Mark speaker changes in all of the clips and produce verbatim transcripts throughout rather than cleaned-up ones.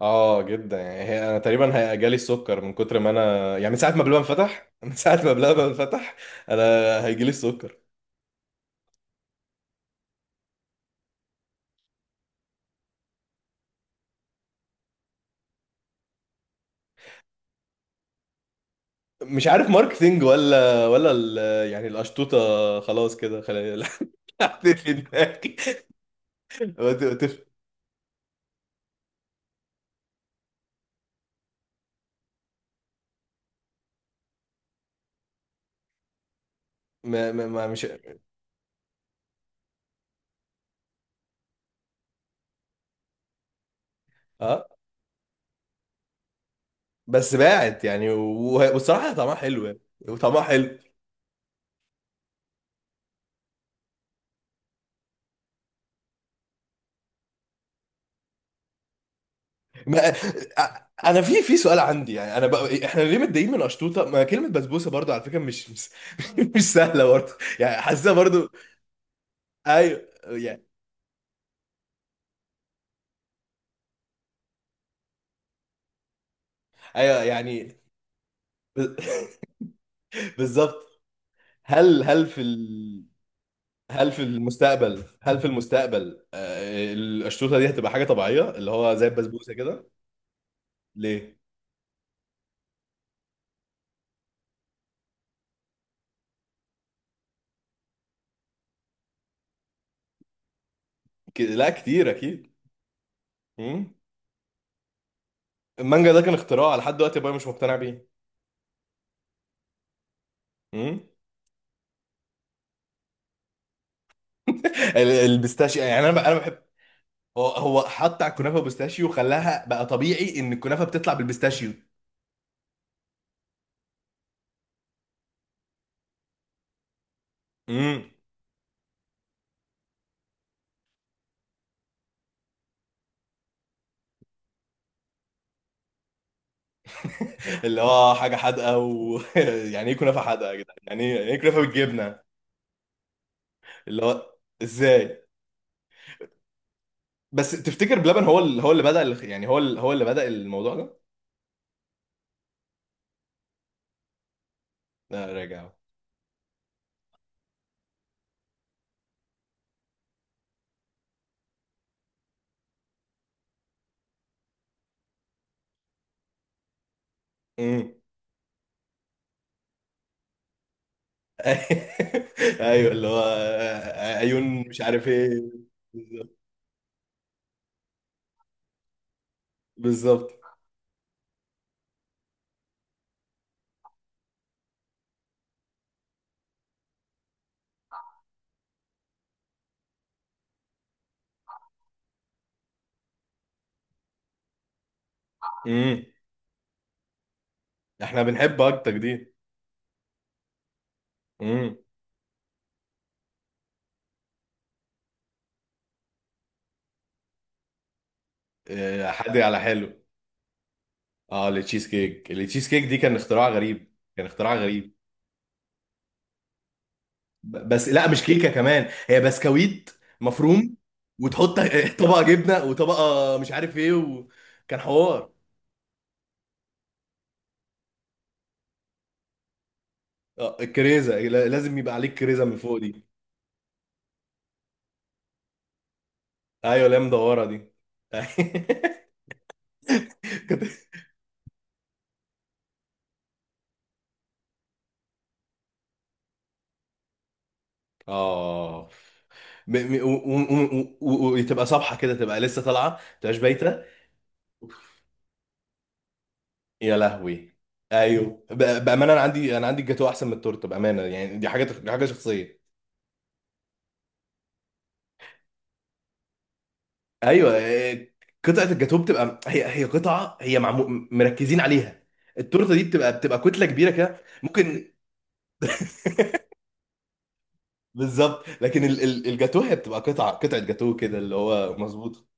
Speaker 1: اه جدا، يعني هي انا تقريبا هي- جالي السكر من كتر ما انا، يعني من ساعه ما بلبن فتح. من ساعه ما بلبن فتح. انا هيجيلي السكر. مش عارف ماركتينج ولا ولا ال... يعني القشطوطه، خلاص كده خلي حطيت في دماغي. وت- وتف... ما, ما, ما مش اه، بس باعت يعني، و- والصراحه طعمها حلو يعني. وطعمها حلو. ما... أ- انا في في سؤال عندي، يعني انا بقى... احنا ليه متضايقين من قشطوطه؟ ما كلمه بسبوسه برضو على فكره، مش مش, مش سهله برضو. يعني حاسسها برضو. ايوه يعني. ايوه يعني. ب- بالظبط. هل هل في ال... هل في المستقبل هل في المستقبل، آه، القشطوطه دي هتبقى حاجه طبيعيه اللي هو زي البسبوسه كده؟ ليه؟ ك... لا، كتير اكيد. مم. المانجا ده كان اختراع، لحد دلوقتي ابويا مش مقتنع بيه. مم. ال- البيستاشيو يعني انا ب... انا بحب. هو هو حط على الكنافه بيستاشيو وخلاها بقى طبيعي ان الكنافه بتطلع بالبيستاشيو. مم. اللي هو حاجه حادقه و يعني ايه كنافه حادقه يا جدعان؟ يعني ايه يعني إيه كنافه بالجبنه؟ اللي هو ازاي؟ بس تفتكر بلبن هو اللي هو اللي بدأ ال- يعني هو اللي هو اللي بدأ الموضوع ده؟ لا، راجع اهو. امم. ايوه اللي هو عيون مش عارف ايه. بالظبط. امم. احنا بنحب اكتر دي. امم. آه، حادق على حلو. اه، التشيز كيك، التشيز كيك دي كان اختراع غريب، كان اختراع غريب. ب- بس لا، مش كيكه، كمان هي بسكويت مفروم، وتحط طبقه جبنه وطبقه مش عارف ايه، وكان حوار. اه، الكريزه لا- لازم يبقى عليك كريزه من فوق دي. ايوه اللي هي مدوره دي. كنت- اه م- م- و- و- و- و- وتبقى صبحه كده، تبقى لسه طالعه، ما تبقاش بايته. يا لهوي. ايوه ب- بامانه، انا عندي انا عندي الجاتوه احسن من التورته، بامانه يعني، دي حاجه، دي حاجه شخصيه. ايوه، إيه، قطعه الجاتوه بتبقى هي هي قطعه، هي معمو... مركزين عليها. التورته دي بتبقى بتبقى كتله كبيره كده ممكن. بالظبط، لكن ال- ال- الجاتوه هي بتبقى قطعه، قطعه جاتوه كده، اللي هو مظبوط.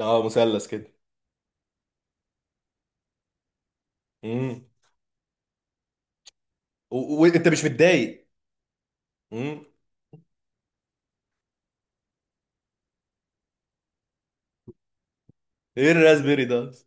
Speaker 1: اه، مثلث كده. امم. و- وانت مش متضايق؟ امم. ايه الراسبيري ده أصلاً؟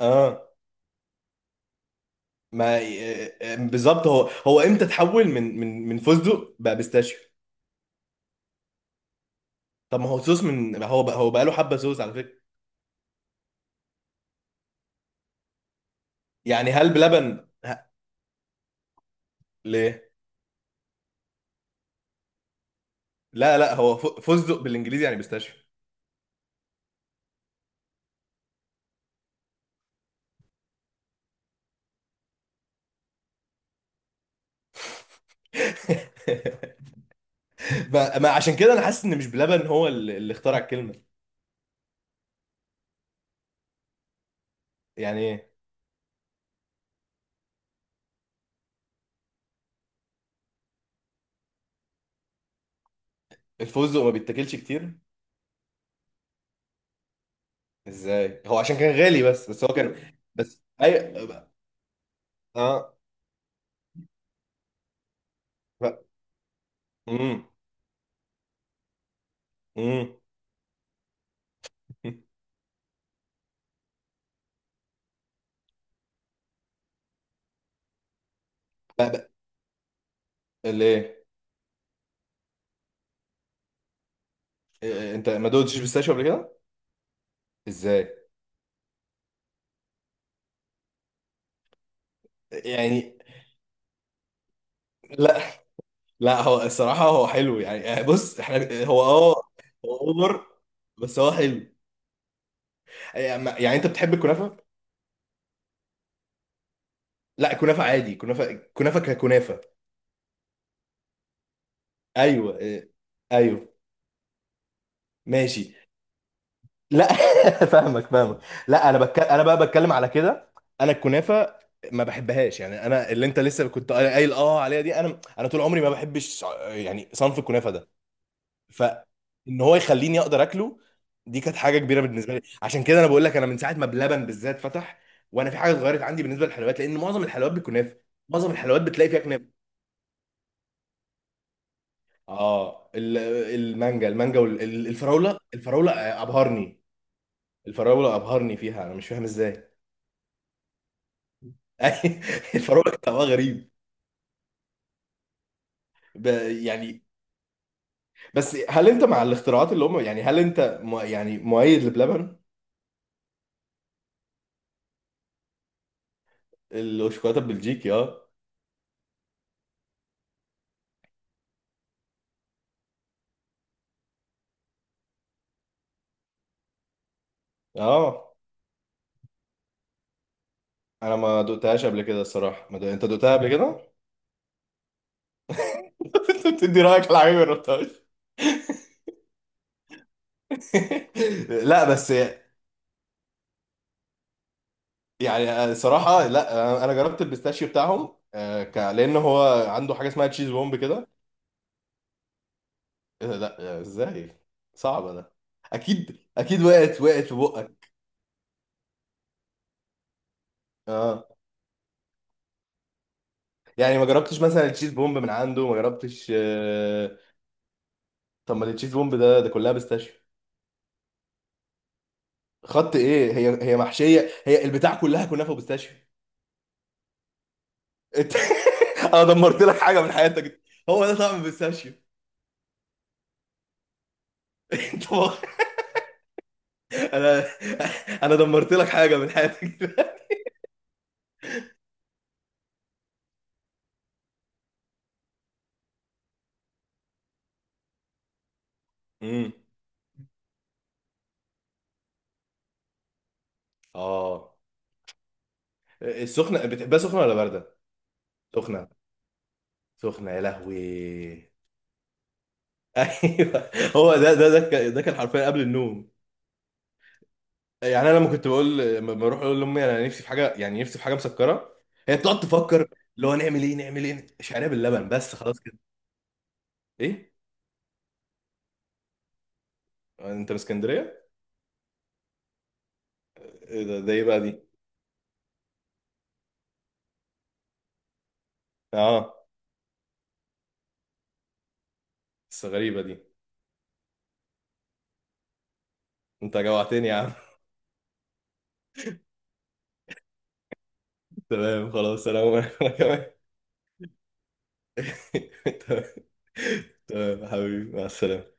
Speaker 1: اه. ما آه، اه، اه، بالظبط. هو هو امتى تحول من من من فستق بقى بيستاشيو؟ طب ما هو صوص، من هو بقى هو بقى له حبه صوص على فكره. يعني هل بلبن ه- ليه؟ لا لا، هو ف- فستق بالانجليزي يعني بيستاشيو. ما ما عشان كده انا حاسس ان مش بلبن هو اللي اللي اخترع الكلمه. يعني ايه؟ الفستق ما بيتاكلش كتير؟ ازاي؟ هو عشان كان غالي، بس بس هو كان بس اي. اه. لا. امم. امم. لا لا. ليه؟ إيه، إيه، انت ما دوتش بيستاشيو قبل كده؟ ازاي؟ يعني. لا، لا هو الصراحه هو حلو يعني، آه، بص احنا هو اه. هو اوفر. بس هو حلو. يعني، يعني انت بتحب الكنافه؟ لا، الكنافه عادي، كنافه، كنافه ككنافه. ايوه، إيه، ايوه. ماشي. لا. فاهمك، فاهمك. لا، انا بك... انا بقى بتكلم على كده. انا الكنافه ما بحبهاش، يعني انا اللي انت لسه كنت قايل اه عليها دي، انا انا طول عمري ما بحبش. يعني صنف الكنافه ده. فان هو يخليني اقدر اكله. دي كانت حاجه كبيره بالنسبه لي، عشان كده انا بقول لك انا من ساعه ما بلبن بالذات فتح. وانا في حاجه اتغيرت عندي بالنسبه للحلويات، لان معظم الحلويات بالكنافه. معظم الحلويات بتلاقي فيها كنافه. اه، ال- المانجا المانجا والفراوله الفراوله، آه، ابهرني. الفراوله ابهرني فيها، انا مش فاهم ازاي. الفراوله كان طعمها غريب. ب- يعني، بس هل انت مع الاختراعات اللي هم، يعني هل انت م... يعني مؤيد لبلبن؟ الشوكولاته البلجيكي، اه. اه، انا ما دقتهاش قبل كده الصراحه، ما دق... انت دقتها قبل كده؟ انت بتدي رايك على حاجه ما جربتهاش؟ لا بس. يعني صراحه لا، انا جربت البيستاشيو بتاعهم، آه، ك... لان هو عنده حاجه اسمها تشيز بومب كده. إيه ده؟ لا ازاي؟ صعبه ده. اكيد، اكيد وقعت، وقعت في بقك. اه. يعني ما جربتش مثلا التشيز بومب من عنده؟ ما جربتش، آه. طب ما التشيز بومب ده ده كلها بيستاشيو. خط ايه؟ هي هي محشيه، هي البتاع كلها كنافه وبيستاشيو. انت انا دمرت لك حاجه من حياتك. هو ده طعم البيستاشيو. انت انا انا دمرت لك حاجه من حياتك. امم. اه، السخنه بتحبها سخنه ولا بارده؟ سخنه. سخنه، يا لهوي. ايوه. هو ده، ده ده كان- ده كان حرفيا قبل النوم. يعني انا لما كنت بقول، لما بروح اقول لامي انا نفسي في حاجه، يعني نفسي في حاجه مسكره. هي بتقعد تفكر. اللي هو نعمل ايه، نعمل ايه، شعريه باللبن، بس خلاص كده. ايه؟ انت من اسكندريه؟ إيه ده، ده ايه بقى دي؟ اه، بس غريبه دي. انت جوعتني يا عم. تمام خلاص، انا أقوم. انا كمان. تمام، تمام حبيبي، مع السلامه.